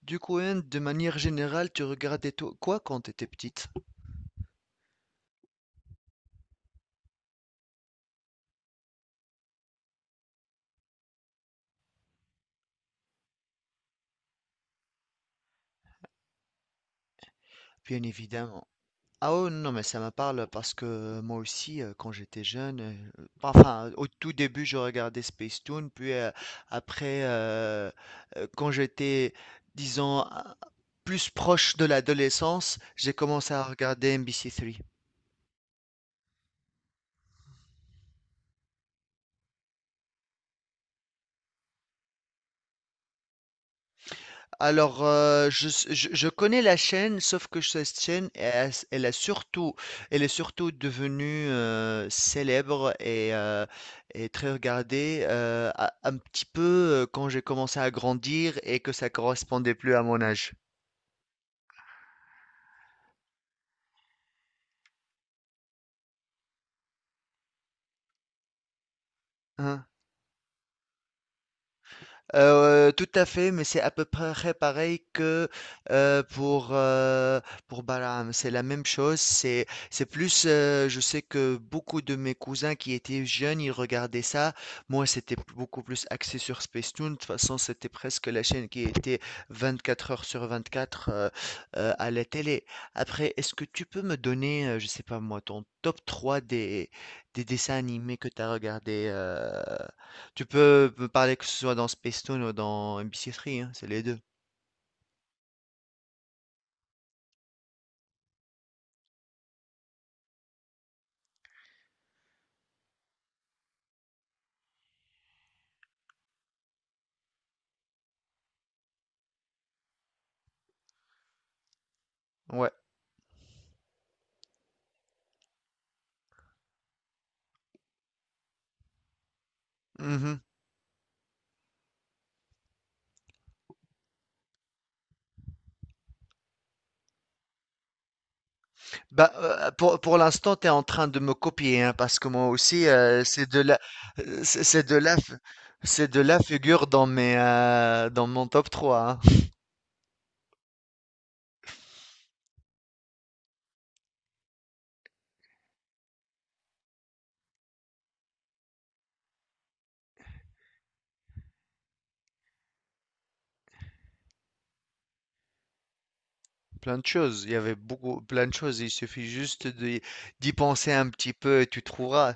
Du coup, hein, de manière générale, tu regardais quoi quand tu étais petite? Bien évidemment. Ah non, mais ça me parle parce que moi aussi, quand j'étais jeune, enfin, au tout début, je regardais Space Toon, puis après, euh, quand j'étais, disons, plus proche de l'adolescence, j'ai commencé à regarder NBC3. Alors, je connais la chaîne, sauf que cette chaîne, elle a surtout, elle est surtout devenue célèbre et très regardée un petit peu quand j'ai commencé à grandir et que ça correspondait plus à mon âge. Hein. Tout à fait, mais c'est à peu près pareil que, heu, pour, heu, pour Bahlam. C'est la même chose, c'est plus, je sais que beaucoup de mes cousins qui étaient jeunes, ils regardaient ça. Moi, c'était p beaucoup plus axé sur Spacetoon. De toute façon, c'était presque la chaîne qui était 24 heures sur 24, à la télé. Après, est-ce que tu peux me donner, je sais pas moi, ton top 3 des dessins animés que tu as regardés, tu peux me parler que ce soit dans Spacetoon ou dans MBC3, hein, c'est les deux. Ouais. Mhm. Bah, pour l'instant, tu es en train de me copier, hein, parce que moi aussi, c'est de la, c'est de la, c'est de la figure dans mes, dans mon top trois, hein. Plein de choses. Il y avait beaucoup, plein de choses. Il suffit juste d'y penser un petit peu et tu trouveras.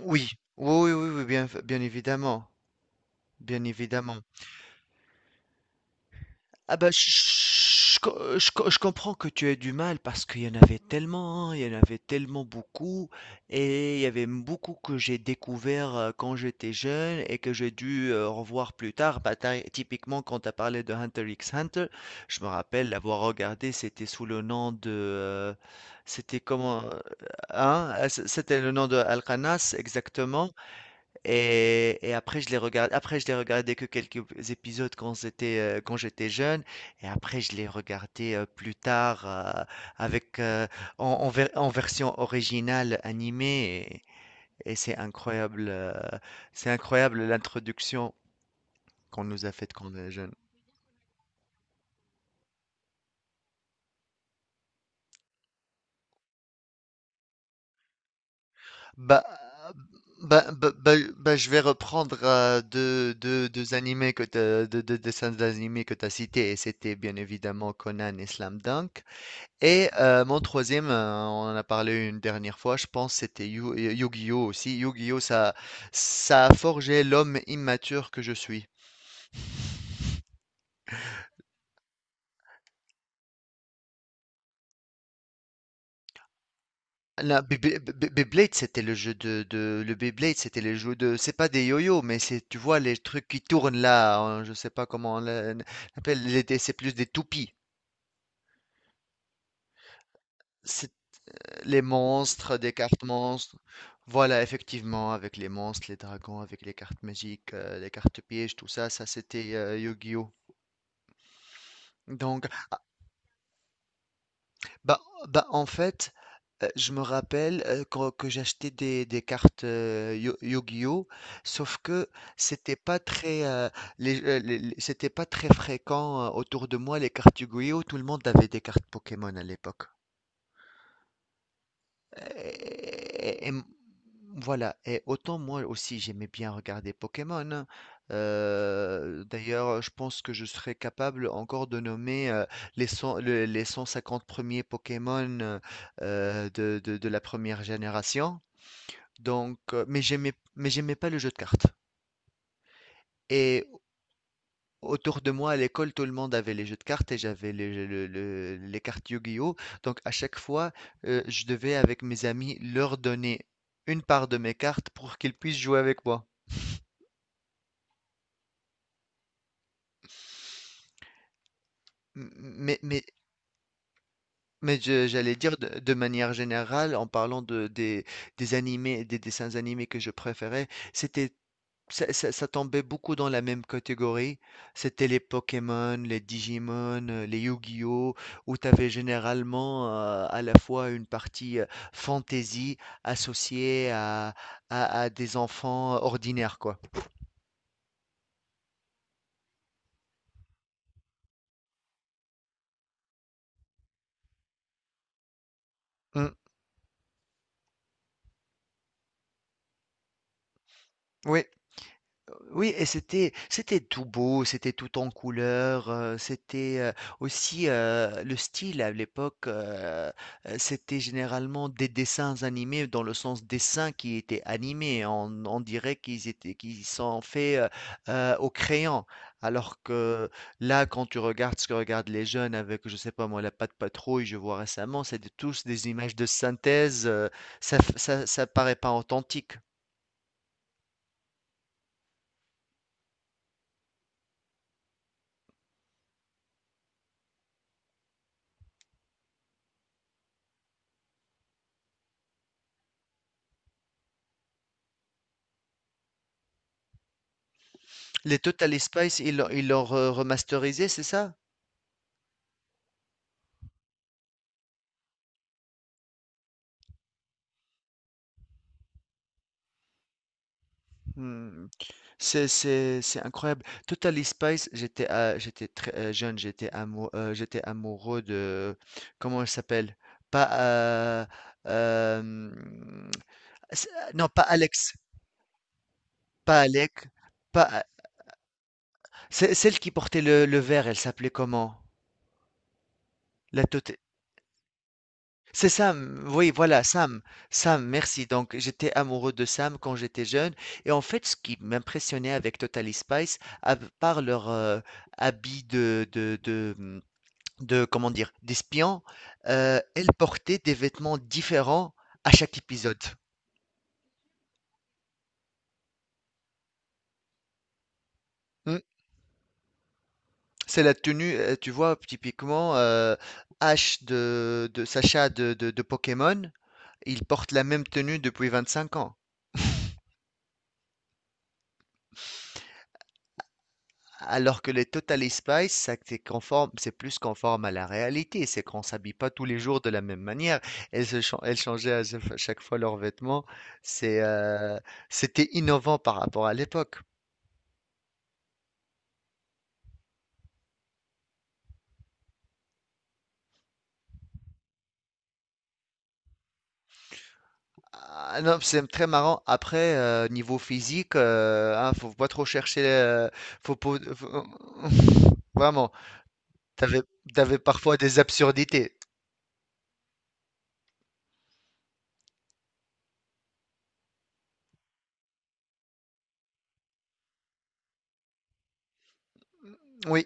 Oui, oui, oui, oui, oui, bien, bien évidemment, bien évidemment. Ah bah, je je comprends que tu aies du mal parce qu'il y en avait tellement, hein, il y en avait tellement beaucoup et il y avait beaucoup que j'ai découvert quand j'étais jeune et que j'ai dû revoir plus tard. Bah, typiquement, quand tu as parlé de Hunter x Hunter, je me rappelle l'avoir regardé, c'était sous le nom de... c'était comment... hein, c- C'était le nom de Alcanas exactement. Et après je les regardais que quelques épisodes quand j'étais jeune et après je les regardais plus tard avec en, en version originale animée et c'est incroyable l'introduction qu'on nous a faite quand on est jeune. Bah bah, je vais reprendre deux animés deux dessins animés que tu as cités et c'était bien évidemment Conan et Slam Dunk. Et mon troisième, on en a parlé une dernière fois, je pense c'était Yu-Gi-Oh aussi. Yu-Gi-Oh, ça a forgé l'homme immature que je suis. La Beyblade, c'était le jeu le Beyblade, c'était les jeux de, c'est pas des yo-yo, mais c'est, tu vois, les trucs qui tournent là, hein, je sais pas comment l'appelle, c'est plus des toupies. C'est les monstres, des cartes monstres. Voilà, effectivement, avec les monstres, les dragons, avec les cartes magiques, les cartes pièges, tout ça, ça c'était Yu-Gi-Oh. Donc, ah, bah, bah, en fait, je me rappelle que j'achetais des cartes Yu-Gi-Oh, sauf que c'était pas très, c'était pas très fréquent autour de moi les cartes Yu-Gi-Oh. Tout le monde avait des cartes Pokémon à l'époque. Et, Voilà, et autant moi aussi j'aimais bien regarder Pokémon. D'ailleurs, je pense que je serais capable encore de nommer les 150 premiers Pokémon de, de la première génération. Donc, mais j'aimais pas le jeu de cartes. Et autour de moi à l'école, tout le monde avait les jeux de cartes et j'avais les cartes Yu-Gi-Oh! Donc à chaque fois, je devais avec mes amis leur donner une part de mes cartes pour qu'ils puissent jouer avec moi. M- Mais, mais, mais j'allais dire de manière générale, en parlant des animés, des dessins animés que je préférais, c'était, ça tombait beaucoup dans la même catégorie. C'était les Pokémon, les Digimon, les Yu-Gi-Oh, où tu avais généralement à la fois une partie fantasy associée à, à des enfants ordinaires, quoi. Mm. Oui, Oui et c'était tout beau, c'était tout en couleurs, c'était, le style à l'époque, c'était généralement des dessins animés dans le sens dessin qui était animé. On dirait qu'ils sont faits, au crayon. Alors que là, quand tu regardes ce que regardent les jeunes avec, je sais pas moi, la Patte Patrouille, je vois récemment, c'est des tous des images de synthèse, ça f ça ça paraît pas authentique. Les Total Spice, ils l'ont re remasterisé, c'est ça? Hmm. C'est incroyable. Total Spice, j'étais très jeune, j'étais amoureux de comment elle s'appelle? Pas hmm, c'est- non, pas Alex, pas Alec, pas A- c'est celle qui portait le verre, elle s'appelait comment? La Tot- C'est Sam, oui, voilà, Sam. Sam, merci. Donc, j'étais amoureux de Sam quand j'étais jeune. Et en fait, ce qui m'impressionnait avec Totally Spice, à part leur habit de, comment dire, d'espion, elles portaient des vêtements différents à chaque épisode. Hmm. C'est la tenue, tu vois, typiquement, Ash de Sacha de Pokémon, il porte la même tenue depuis 25 ans. Alors que les Total Spice, ça, c'est conforme, c'est plus conforme à la réalité, c'est qu'on s'habille pas tous les jours de la même manière. Elles, elles changeaient à chaque fois leurs vêtements. C'est, c'était innovant par rapport à l'époque. Ah non, c'est très marrant. Après, niveau physique, hein, faut pas trop chercher, faut, pas- faut- vraiment, t'avais, t'avais parfois des absurdités. Oui.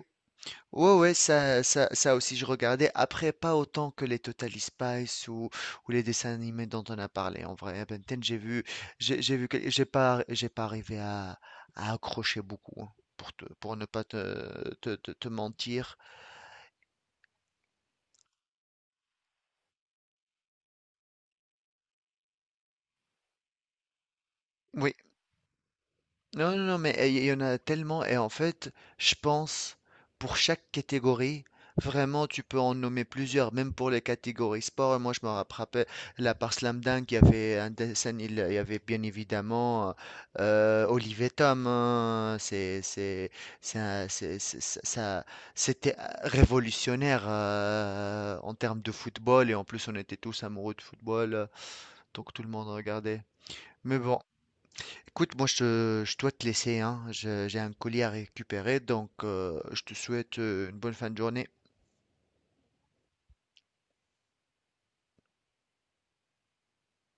Ouais, ouais, ça aussi, je regardais. Après, pas autant que les Total Spies ou les dessins animés dont on a parlé. En vrai, Ben 10, j'ai vu, que- j'ai pas arrivé à accrocher beaucoup, hein, pour te, pour ne pas te mentir. Oui. Non, non, non, mais il y en a tellement. Et en fait, je pense, pour chaque catégorie, vraiment, tu peux en nommer plusieurs, même pour les catégories sport. Moi, je me rappelle, là, par Slam Dunk, il y avait un dessin, il y avait bien évidemment Olivier Tom, hein, c'est un- c'est- ça- c'était révolutionnaire en termes de football. Et en plus, on était tous amoureux de football, donc tout le monde regardait. Mais bon. Écoute, moi, je dois te laisser, hein. J'ai un colis à récupérer, donc je te souhaite une bonne fin de journée.